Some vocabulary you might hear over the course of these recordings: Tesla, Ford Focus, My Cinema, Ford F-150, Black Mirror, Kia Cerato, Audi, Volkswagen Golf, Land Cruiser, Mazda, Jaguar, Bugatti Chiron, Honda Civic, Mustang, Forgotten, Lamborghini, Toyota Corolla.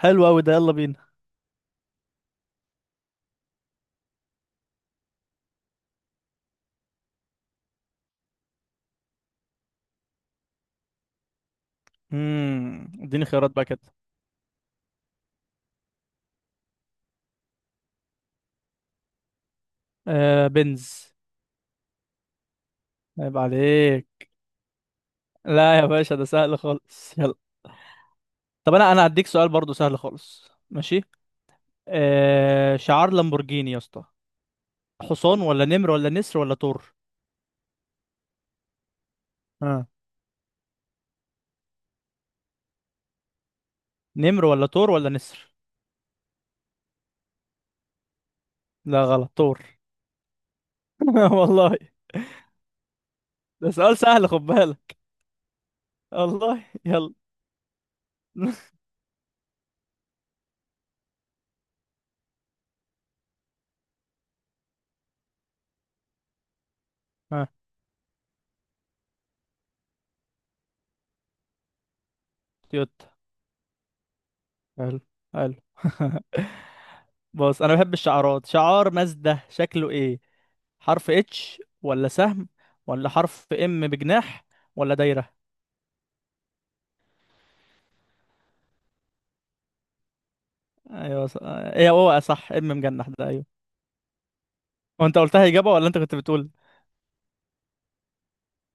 حلو قوي ده، يلا بينا. اديني خيارات بقى كده. آه، بنز. عيب عليك. لا يا باشا، ده سهل خالص، يلا. طب انا هديك سؤال برضو سهل خالص، ماشي. آه، شعار لامبورجيني يا اسطى، حصان ولا نمر ولا نسر ولا تور؟ ها، نمر ولا تور ولا نسر؟ لا، غلط، تور. والله. ده سؤال سهل، خد بالك. والله يلا. ها. تويوتا. حلو. حلو. بص، انا بحب الشعارات. شعار مازدا شكله ايه؟ حرف اتش ولا سهم، ولا حرف ام بجناح، ولا دايرة؟ ايوه ايه، هو صح ام مجنح ده، ايوه. هو انت قلتها اجابة ولا انت كنت بتقول؟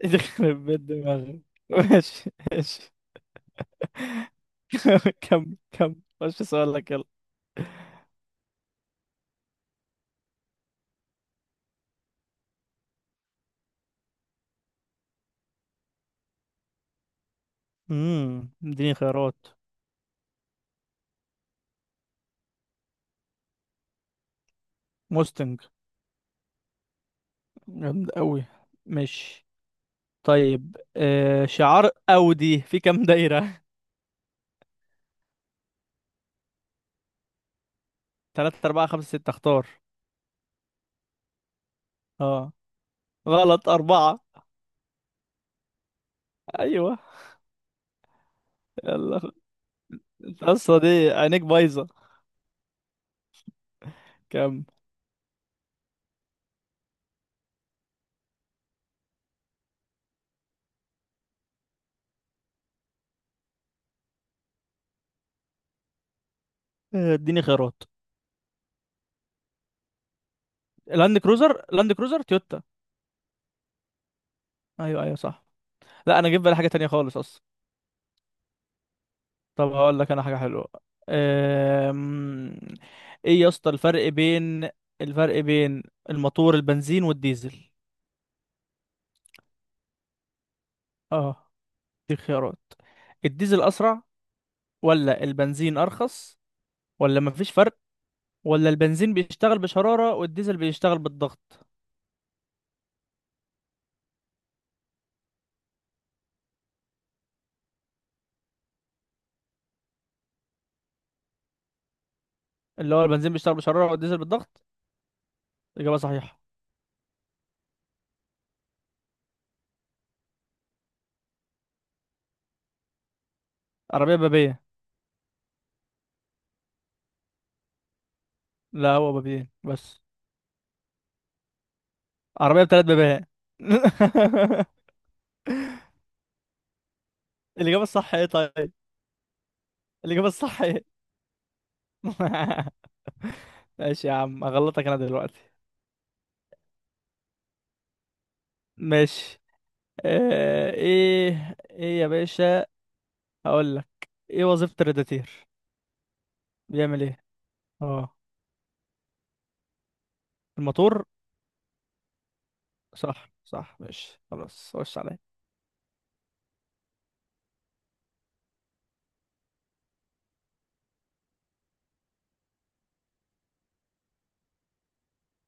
يخرب بيت دماغك. ماشي ماشي. كمل كمل، خش سؤالك يلا. اديني خيارات. موستنج. جامد قوي. ماشي. طيب آه، شعار اودي في كام دايرة؟ 3 4 5 6 اختار. اه. غلط، أربعة. ايوه. يلا. القصه دي عينيك بايظه. كام؟ آه، اديني خيارات. لاند كروزر، لاند كروزر تويوتا. ايوه ايوه، صح. لا، انا جيب بالي حاجه تانية خالص اصلا. طب هقول لك انا حاجه حلوه. أم... ايه يا اسطى الفرق بين الفرق بين الموتور البنزين والديزل؟ اه، دي خيارات. الديزل اسرع، ولا البنزين ارخص، ولا مفيش فرق، ولا البنزين بيشتغل بشرارة والديزل بيشتغل بالضغط؟ اللي هو البنزين بيشتغل بشرارة والديزل بالضغط. إجابة صحيحة. عربية بابية. لا، هو بابين بس. عربية بثلاث بابيات. الإجابة الصح ايه طيب؟ الإجابة الصح ايه؟ ماشي يا عم، أغلطك أنا دلوقتي. ماشي. آه، ايه ايه يا باشا، هقول لك. ايه وظيفة الريداتير؟ بيعمل ايه؟ اه، الموتور. صح صح، ماشي خلاص، خش عليا.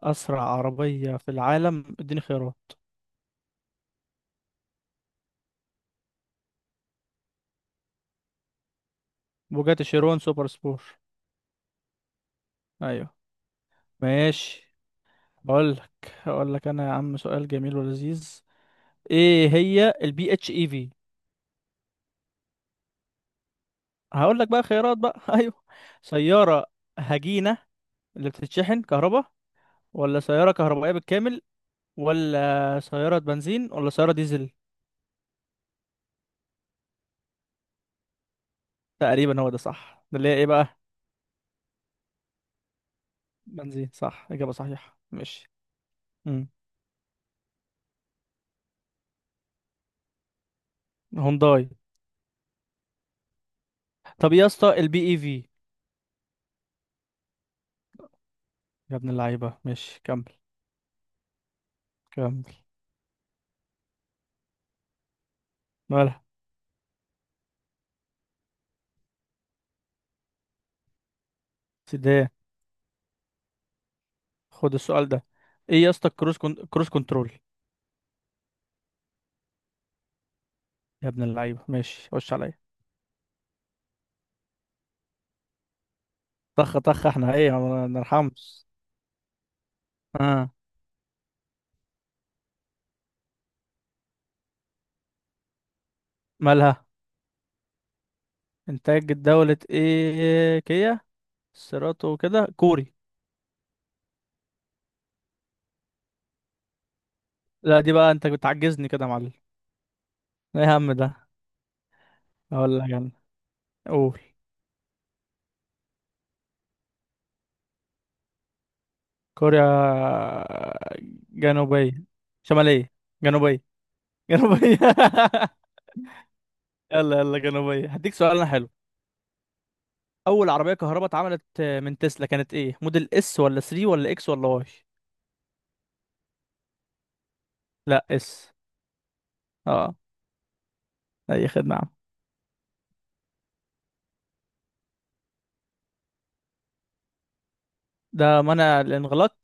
أسرع عربية في العالم، اديني خيارات. بوجاتي شيرون سوبر سبور. أيوه. ماشي. اقول لك انا يا عم سؤال جميل ولذيذ. ايه هي البي اتش اي في؟ هقول لك بقى خيارات بقى. ايوه، سياره هجينه اللي بتتشحن كهرباء، ولا سياره كهربائيه بالكامل، ولا سياره بنزين، ولا سياره ديزل؟ تقريبا هو ده صح، ده اللي هي ايه بقى؟ بنزين، صح، اجابه صحيحه، ماشي. امم هونداي. طب يا اسطى البي اي في؟ يا ابن اللعيبه، ماشي كمل. كمل. مالها؟ سيدي. خد السؤال ده. ايه يا اسطى الكروز كروز كنترول؟ يا ابن اللعيبة، ماشي خش عليا. طخ طخ، احنا ايه ما نرحمش. اه. مالها؟ انتاج دولة ايه كيا؟ سيراتو، كده كوري. لا دي بقى، انت بتعجزني كده يا معلم. ايه هم ده؟ اقول لك انا. قول. كوريا. جنوبية. شمالية. جنوبية. جنوبية. يلا يلا، جنوبية. هديك سؤال انا حلو. اول عربية كهرباء اتعملت من تسلا كانت ايه، موديل اس ولا 3 ولا اكس ولا واي؟ لا، اس. اه. اي خدمة. ده منع الانغلاق.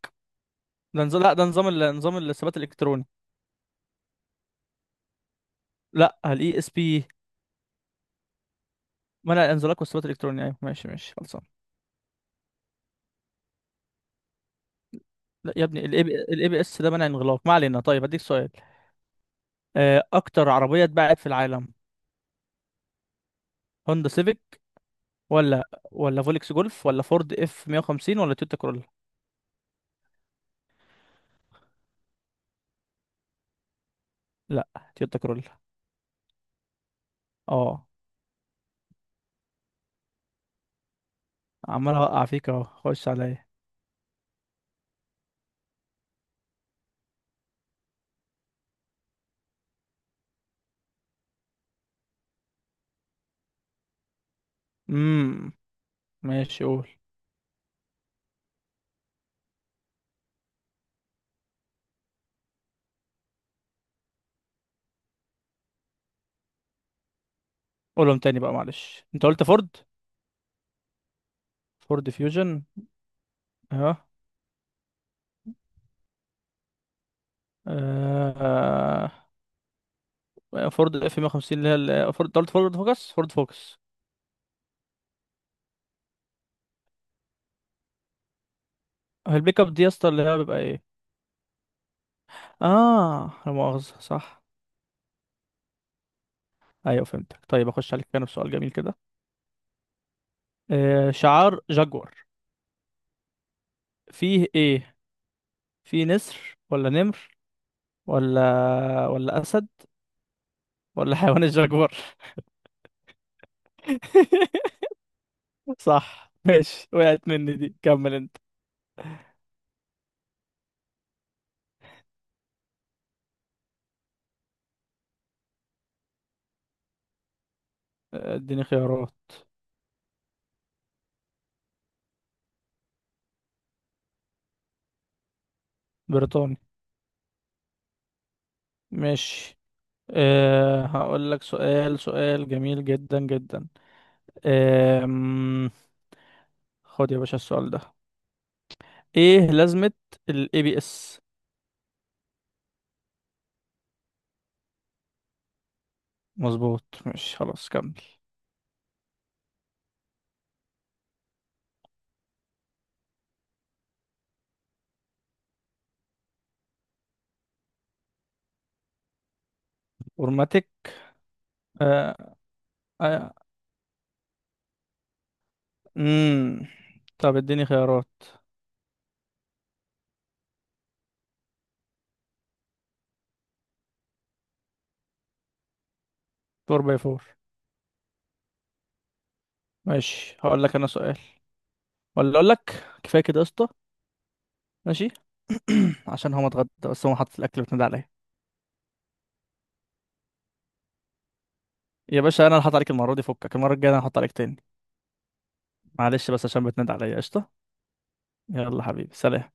ده نظام، لا ده نظام نظام الثبات الالكتروني. لا، الاي اس بي. منع الانزلاق والثبات الالكتروني، ايوه ماشي ماشي، خلصان. لا يا ابني، الاي بي اس ده منع انغلاق، ما علينا. طيب هديك سؤال. آه، اكتر عربيه اتباعت في العالم، هوندا سيفيك، ولا ولا فولكس جولف، ولا فورد اف 150، ولا تويوتا كرولا؟ لا، تويوتا كرولا. اه. عمال اوقع فيك اهو، خش عليا. امم ماشي قول. قولهم تاني بقى، معلش، انت قلت فورد. فورد فيوجن. اه. فورد اف 150، اللي هي فورد، قلت فورد فوكس، فورد فوكس. هو البيك اب دي يا اسطى اللي هي بيبقى ايه؟ اه، لا مؤاخذة، صح. ايوه فهمتك. طيب اخش عليك انا بسؤال جميل كده. آه، شعار جاكور فيه ايه؟ فيه نسر، ولا نمر، ولا اسد، ولا حيوان الجاكور؟ صح ماشي، وقعت مني دي. كمل انت. آه، اديني خيارات. بريطاني. ماشي. أه، هقول لك سؤال سؤال جميل جدا جدا. أه، خد يا باشا السؤال ده. ايه لازمة ال ABS؟ مظبوط، مش خلاص، كمل. اورماتيك. آه آه. مم. طب اديني خيارات. 4 باي 4. ماشي، هقول لك انا سؤال ولا اقول لك كفايه كده يا اسطى؟ ماشي. عشان هو متغدى بس، هو حاطط الاكل بتنادي عليا. يا باشا انا اللي هحط عليك المره دي، فكك، المره الجايه انا هحط عليك تاني. معلش بس عشان بتنادي عليا، قشطه. يلا حبيبي، سلام.